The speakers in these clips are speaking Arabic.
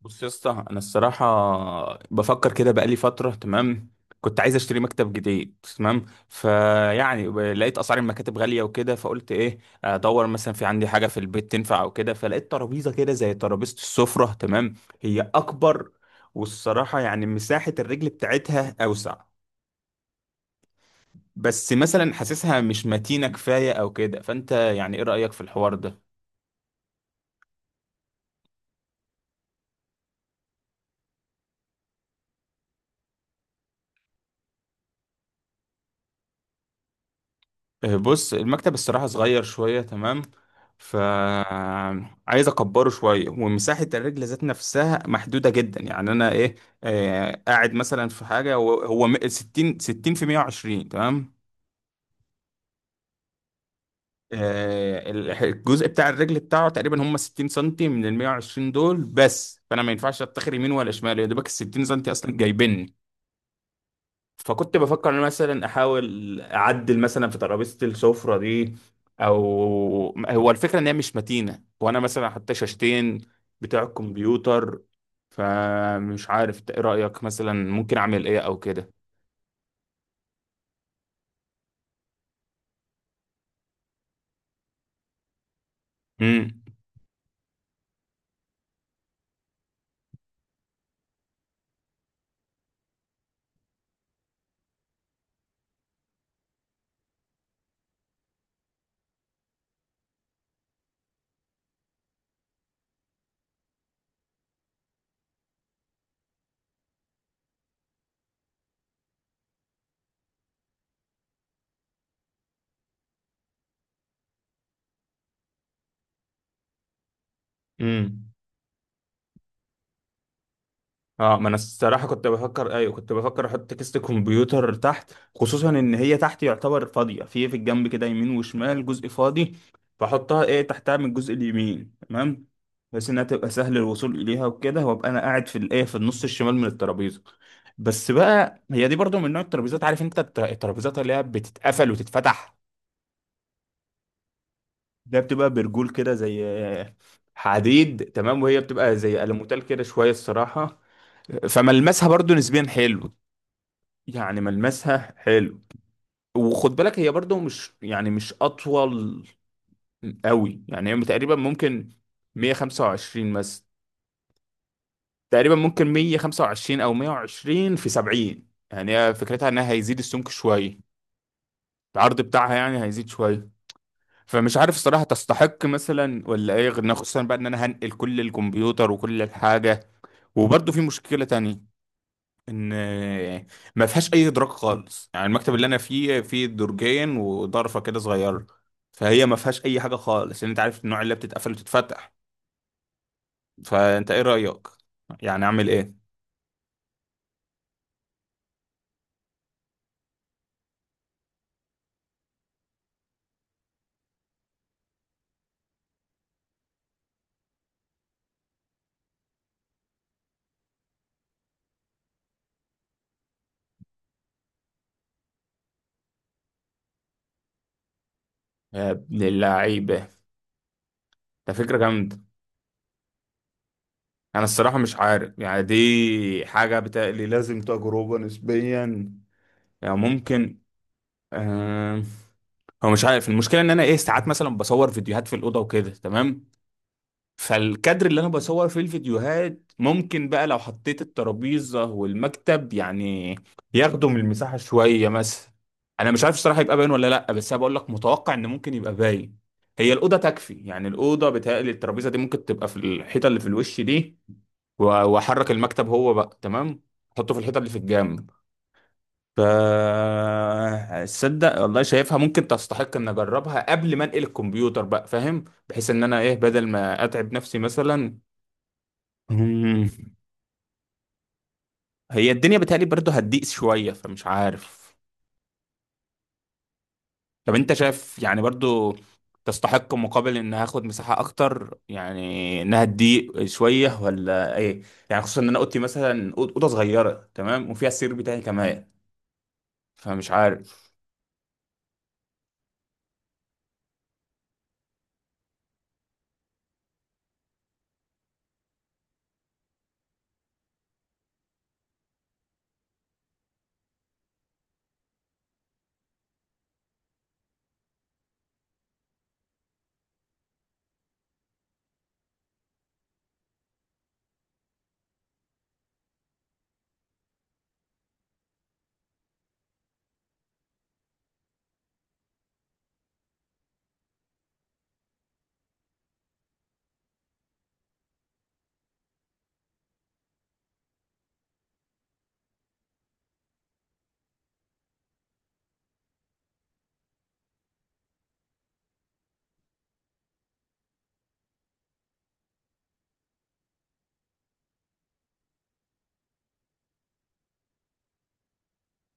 بص يا اسطى، انا الصراحه بفكر كده بقالي فتره. تمام، كنت عايز اشتري مكتب جديد. تمام، فيعني لقيت اسعار المكاتب غاليه وكده، فقلت ايه، ادور مثلا في عندي حاجه في البيت تنفع او كده. فلقيت ترابيزه كده زي ترابيزه السفره. تمام، هي اكبر، والصراحه يعني مساحه الرجل بتاعتها اوسع. بس مثلا حاسسها مش متينه كفايه او كده. فانت يعني ايه رايك في الحوار ده؟ آه، بص، المكتب الصراحة صغير شوية. تمام، ف عايز اكبره شوية، ومساحة الرجل ذات نفسها محدودة جدا. يعني انا ايه، آه، قاعد مثلا في حاجة 60 في 120. تمام، آه، الجزء بتاع الرجل بتاعه تقريبا هم 60 سنتي من ال 120 دول بس. فانا ما ينفعش اتخر يمين ولا شمال، يا دوبك ال 60 سنتي اصلا جايبني. فكنت بفكر ان أنا مثلا احاول اعدل مثلا في ترابيزه السفره دي، او هو الفكره ان هي مش متينه، وانا مثلا حتى شاشتين بتاع الكمبيوتر. فمش عارف إنت ايه رايك، مثلا ممكن اعمل ايه او كده؟ امم، اه ما انا الصراحه كنت بفكر، ايوه كنت بفكر احط كيسه الكمبيوتر تحت، خصوصا ان هي تحت يعتبر فاضيه، في الجنب كده يمين وشمال جزء فاضي. فاحطها ايه، تحتها من الجزء اليمين. تمام، بحيث انها تبقى سهل الوصول اليها وكده، وابقى انا قاعد في الايه، في النص الشمال من الترابيزه. بس بقى هي دي برضو من نوع الترابيزات، عارف انت الترابيزات اللي هي بتتقفل وتتفتح. ده بتبقى برجول كده زي آه، حديد. تمام، وهي بتبقى زي ألموتال كده شويه الصراحه. فملمسها برضو نسبيا حلو، يعني ملمسها حلو. وخد بالك هي برضو مش، يعني مش اطول قوي. يعني هي تقريبا ممكن 125 مثلا، تقريبا ممكن 125 او 120 في 70. يعني هي فكرتها انها هيزيد السمك شويه، العرض بتاعها يعني هيزيد شويه. فمش عارف الصراحه تستحق مثلا ولا ايه، غير خصوصا بقى ان انا هنقل كل الكمبيوتر وكل الحاجه. وبرضو في مشكله تانية، ان ما فيهاش اي ادراك خالص. يعني المكتب اللي انا فيه، فيه درجين وضرفه كده صغيره. فهي ما فيهاش اي حاجه خالص، لان انت عارف النوع اللي بتتقفل وتتفتح. فانت ايه رايك، يعني اعمل ايه؟ يا ابن اللعيبه، ده فكره جامده. انا الصراحه مش عارف، يعني دي حاجه بتقلي لازم تجربه نسبيا. يعني ممكن آه... هو مش عارف، المشكله ان انا ايه، ساعات مثلا بصور فيديوهات في الاوضه وكده. تمام، فالكادر اللي انا بصور فيه الفيديوهات، ممكن بقى لو حطيت الترابيزة والمكتب يعني ياخدوا من المساحة شوية مثلا. انا مش عارف الصراحة يبقى باين ولا لا، بس انا بقول لك متوقع ان ممكن يبقى باين. هي الأوضة تكفي، يعني الأوضة بتهيألي الترابيزة دي ممكن تبقى في الحيطة اللي في الوش دي، وأحرك المكتب هو بقى. تمام، أحطه في الحيطة اللي في الجنب. ف تصدق والله شايفها ممكن تستحق ان اجربها قبل ما انقل الكمبيوتر بقى، فاهم، بحيث ان انا ايه بدل ما اتعب نفسي مثلا. مم. هي الدنيا بتهيألي برضه هتضيق شوية، فمش عارف. طب انت شايف يعني برضه تستحق، مقابل ان هاخد مساحة اكتر يعني، انها تضيق شوية ولا ايه؟ يعني خصوصا ان انا اوضتي مثلا اوضة صغيرة. تمام، وفيها السرير بتاعي كمان. فمش عارف.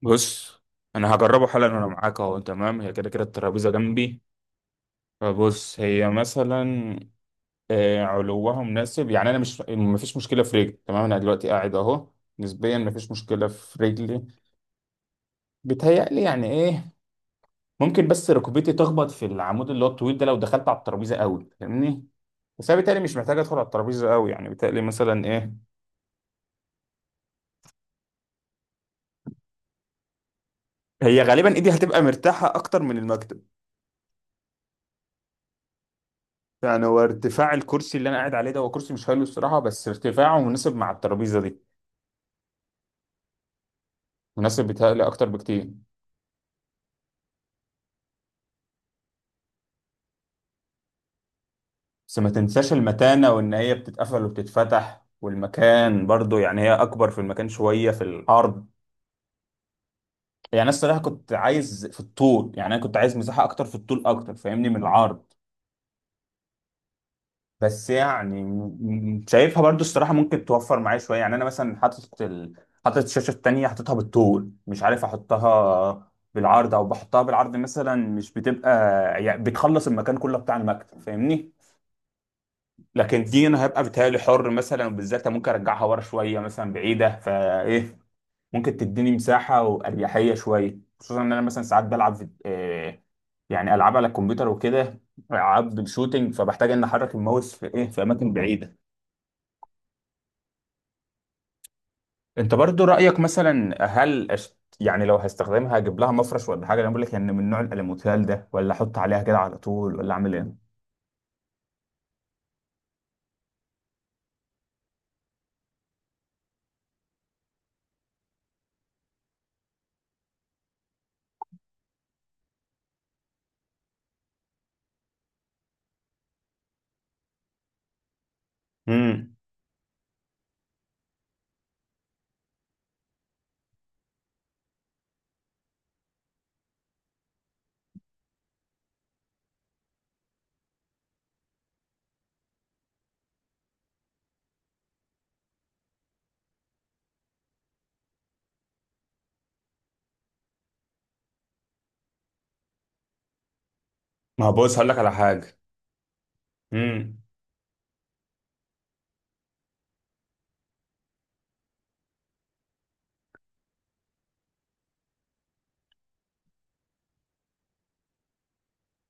بص، انا هجربه حالا وانا معاك اهو. تمام، هي كده كده الترابيزة جنبي. فبص، هي مثلا آه، علوها مناسب. يعني انا مش، مفيش مشكلة في رجلي. تمام، انا دلوقتي قاعد اهو، نسبيا مفيش مشكلة في رجلي. بيتهيألي يعني ايه، ممكن بس ركبتي تخبط في العمود اللي هو الطويل ده لو دخلت على الترابيزه قوي، فاهمني. بس انا بيتهيألي مش محتاج ادخل على الترابيزه قوي. يعني بيتهيألي مثلا ايه، هي غالبا ايدي هتبقى مرتاحه اكتر من المكتب. يعني هو ارتفاع الكرسي اللي انا قاعد عليه ده، هو كرسي مش حلو الصراحه، بس ارتفاعه مناسب مع الترابيزه دي، مناسب بيتهيألي اكتر بكتير. بس ما تنساش المتانه، وان هي بتتقفل وبتتفتح، والمكان برضو، يعني هي اكبر في المكان شويه في العرض. يعني انا الصراحه كنت عايز في الطول، يعني انا كنت عايز مساحه اكتر في الطول اكتر فاهمني من العرض. بس يعني شايفها برضو الصراحه ممكن توفر معايا شويه. يعني انا مثلا حاطط ال... حاطط الشاشه التانيه حاططها بالطول، مش عارف احطها بالعرض او بحطها بالعرض مثلا. مش بتبقى، يعني بتخلص المكان كله بتاع المكتب، فاهمني. لكن دي انا هبقى بتهيألي حر مثلا، وبالذات ممكن ارجعها ورا شويه مثلا بعيده، فايه ممكن تديني مساحة وأريحية شوية. خصوصا إن أنا مثلا ساعات بلعب في آه، يعني ألعاب على الكمبيوتر وكده، ألعاب شوتينج، فبحتاج إن أحرك الماوس في إيه، في أماكن بعيدة. أنت برضو رأيك مثلا، هل أشت... يعني لو هستخدمها هجيب لها مفرش ولا حاجة؟ أنا بقول لك إن من نوع الألوميتال ده، ولا أحط عليها كده على طول، ولا أعمل إيه؟ امم، ما هو بص هقول لك على حاجه. امم،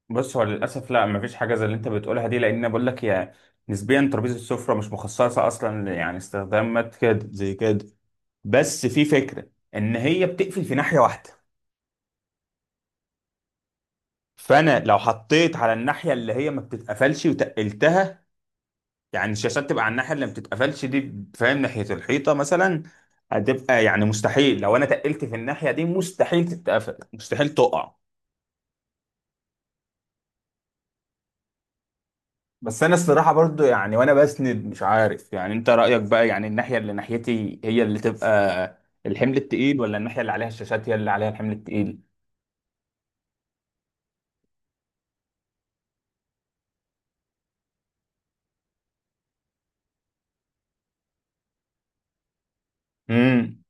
بص هو للاسف لا، ما فيش حاجه زي اللي انت بتقولها دي. لان أنا بقول لك يا، نسبيا ترابيزه السفره مش مخصصه اصلا يعني استخدامات كده زي كده. بس في فكرة ان هي بتقفل في ناحية واحدة. فانا لو حطيت على الناحية اللي هي ما بتتقفلش وتقلتها، يعني الشاشات تبقى على الناحية اللي ما بتتقفلش دي، فاهم، ناحية الحيطة مثلا، هتبقى يعني مستحيل لو انا تقلت في الناحية دي مستحيل تتقفل، مستحيل تقع. بس انا الصراحة برضو يعني وانا بسند، مش عارف يعني انت رأيك بقى، يعني الناحية اللي ناحيتي هي اللي تبقى الحمل التقيل، ولا الناحية اللي عليها الشاشات هي اللي عليها الحمل التقيل؟ امم،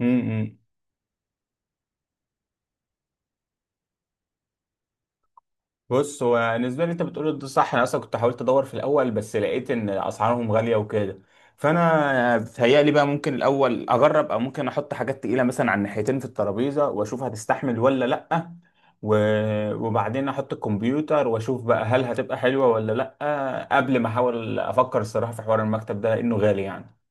امم. امم. بص هو بالنسبه لي انت بتقول ده صح، انا اصلا كنت حاولت ادور في الاول، بس لقيت ان اسعارهم غاليه وكده. فانا بتهيألي بقى ممكن الاول اجرب، او ممكن احط حاجات تقيله مثلا على الناحيتين في الترابيزه واشوف هتستحمل ولا لا. وبعدين احط الكمبيوتر واشوف بقى هل هتبقى حلوه ولا لا، قبل ما احاول افكر الصراحه في حوار المكتب ده لانه غالي يعني.